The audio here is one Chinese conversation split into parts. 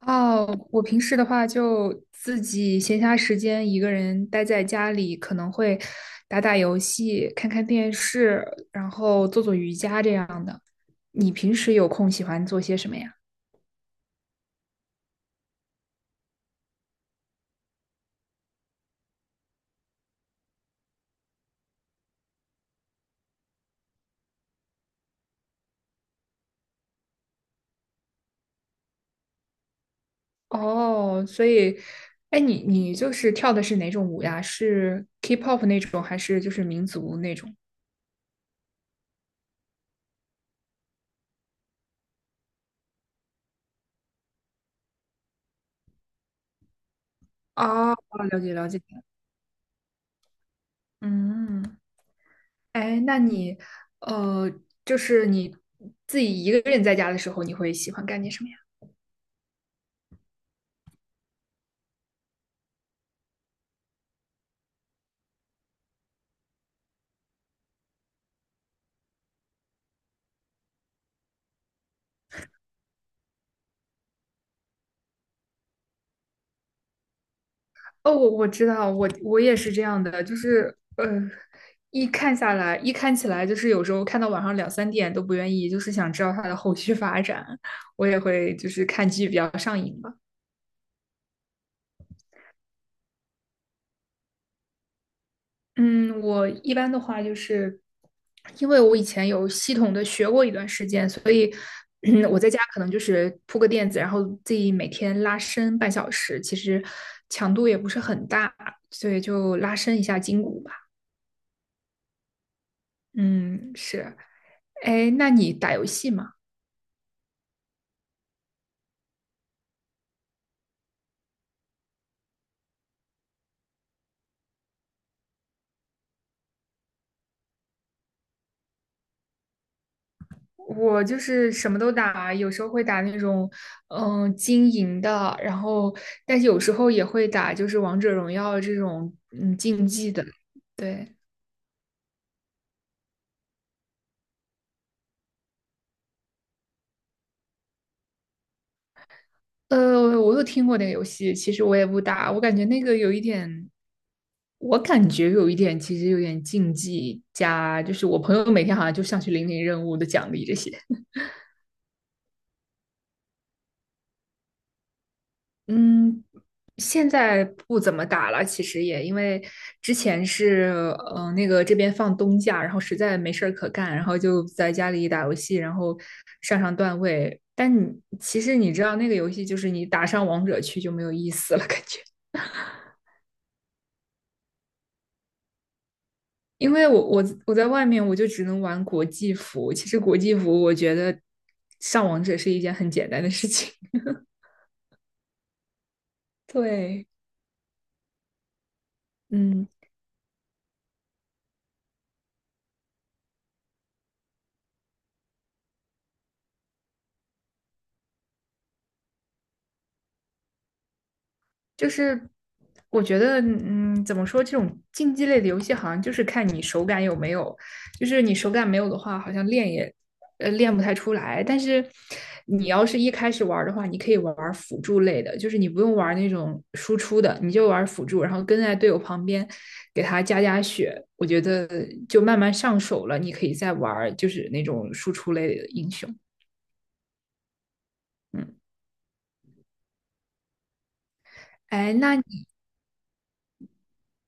哦，我平时的话就自己闲暇时间一个人待在家里，可能会打打游戏、看看电视，然后做做瑜伽这样的。你平时有空喜欢做些什么呀？哦，所以，哎，你就是跳的是哪种舞呀？是 K-pop 那种，还是就是民族那种？哦，了解了解。嗯，哎，呃，就是你自己一个人在家的时候，你会喜欢干点什么呀？哦，我知道，我也是这样的，就是一看下来，一看起来，就是有时候看到晚上两三点都不愿意，就是想知道它的后续发展，我也会就是看剧比较上瘾吧。嗯，我一般的话就是，因为我以前有系统的学过一段时间，所以我在家可能就是铺个垫子，然后自己每天拉伸半小时，其实强度也不是很大，所以就拉伸一下筋骨吧。嗯，是。哎，那你打游戏吗？我就是什么都打，有时候会打那种经营的，然后但是有时候也会打就是王者荣耀这种竞技的。对，我有听过那个游戏，其实我也不打，我感觉有一点，其实有点竞技加，就是我朋友每天好像就上去领领任务的奖励这些。嗯，现在不怎么打了，其实也因为之前是那个这边放冬假，然后实在没事儿可干，然后就在家里打游戏，然后上上段位。但你其实你知道那个游戏就是你打上王者去就没有意思了，感觉。因为我在外面我就只能玩国际服，其实国际服我觉得上王者是一件很简单的事情。对，嗯。就是我觉得，怎么说，这种竞技类的游戏好像就是看你手感有没有，就是你手感没有的话，好像练也练不太出来。但是你要是一开始玩儿的话，你可以玩儿辅助类的，就是你不用玩儿那种输出的，你就玩儿辅助，然后跟在队友旁边给他加加血。我觉得就慢慢上手了，你可以再玩儿就是那种输出类的英雄。嗯，哎，那你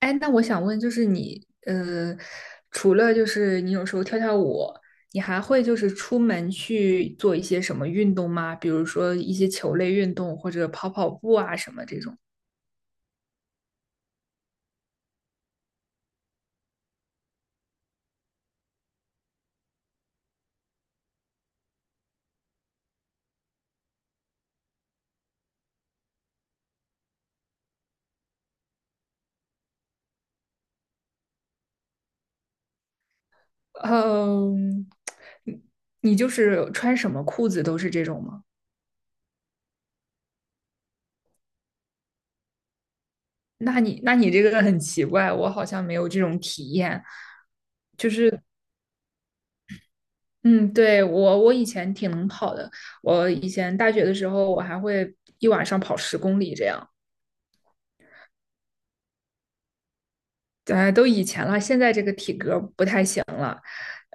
哎，那我想问，就是你，除了就是你有时候跳跳舞，你还会就是出门去做一些什么运动吗？比如说一些球类运动，或者跑跑步啊什么这种。嗯，你你就是穿什么裤子都是这种吗？那你这个很奇怪，我好像没有这种体验。嗯，对，我以前挺能跑的，我以前大学的时候我还会一晚上跑10公里这样。都以前了，现在这个体格不太行了。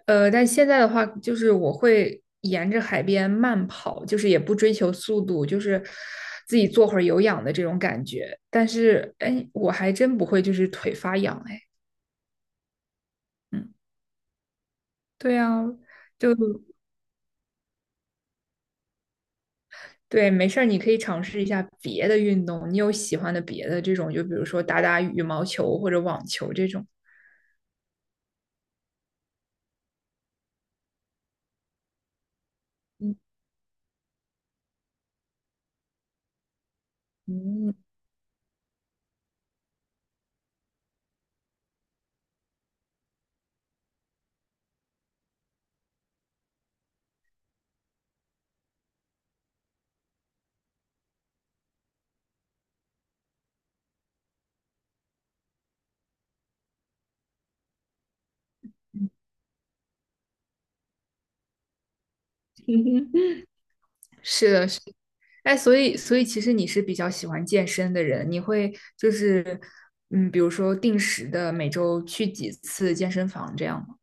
但现在的话，就是我会沿着海边慢跑，就是也不追求速度，就是自己做会儿有氧的这种感觉。但是，哎，我还真不会，就是腿发痒，哎，嗯，对啊，就对，没事儿，你可以尝试一下别的运动，你有喜欢的别的这种，就比如说打打羽毛球或者网球这种。嗯哼。是的，是的，哎，所以其实你是比较喜欢健身的人，你会就是比如说定时的每周去几次健身房这样吗？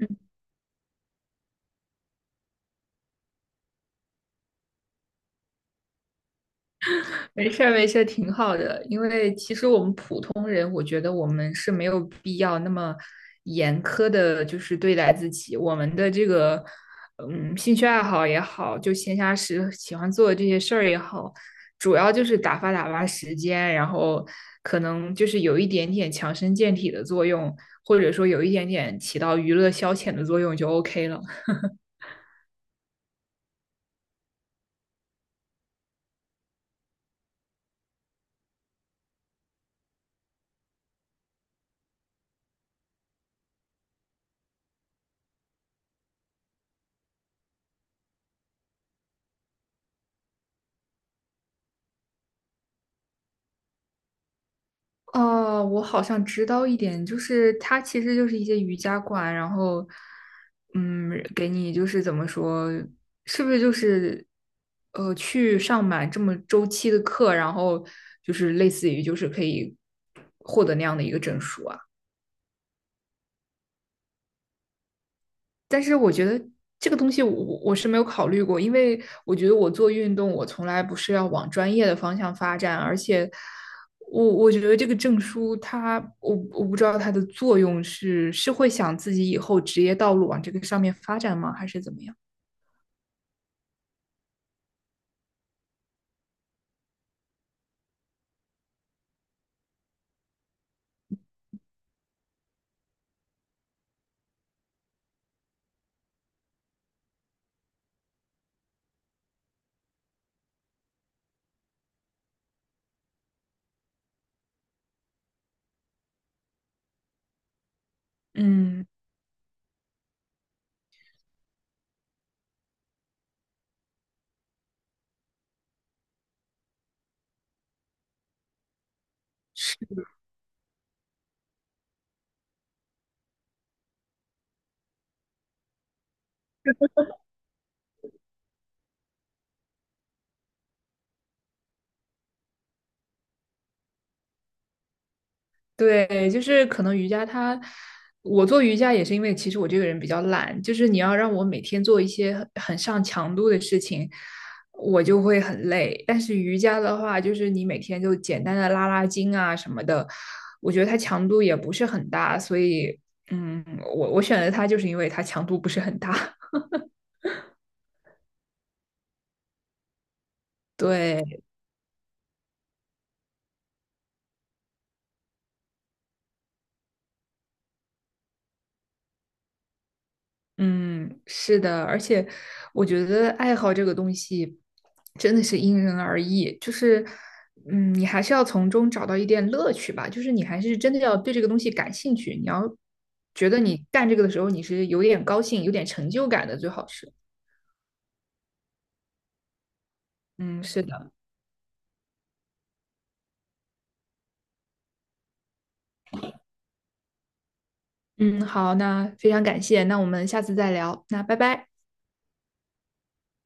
嗯，没事儿，没事儿，挺好的。因为其实我们普通人，我觉得我们是没有必要那么严苛的，就是对待自己。我们的这个，嗯，兴趣爱好也好，就闲暇时喜欢做的这些事儿也好，主要就是打发打发时间，然后可能就是有一点点强身健体的作用，或者说有一点点起到娱乐消遣的作用就 OK 了。哦，我好像知道一点，就是它其实就是一些瑜伽馆，然后，嗯，给你就是怎么说，是不是就是，去上满这么周期的课，然后就是类似于就是可以获得那样的一个证书啊？但是我觉得这个东西我是没有考虑过，因为我觉得我做运动，我从来不是要往专业的方向发展，而且我觉得这个证书它，我不知道它的作用是会想自己以后职业道路往这个上面发展吗，还是怎么样？嗯，是。对，就是可能瑜伽它，我做瑜伽也是因为其实我这个人比较懒，就是你要让我每天做一些很上强度的事情，我就会很累。但是瑜伽的话，就是你每天就简单的拉拉筋啊什么的，我觉得它强度也不是很大，所以嗯，我选择它就是因为它强度不是很大。对，嗯，是的，而且我觉得爱好这个东西真的是因人而异，就是，嗯，你还是要从中找到一点乐趣吧，就是你还是真的要对这个东西感兴趣，你要觉得你干这个的时候你是有点高兴、有点成就感的，最好是。嗯，是的，嗯，好，那非常感谢，那我们下次再聊，那拜拜。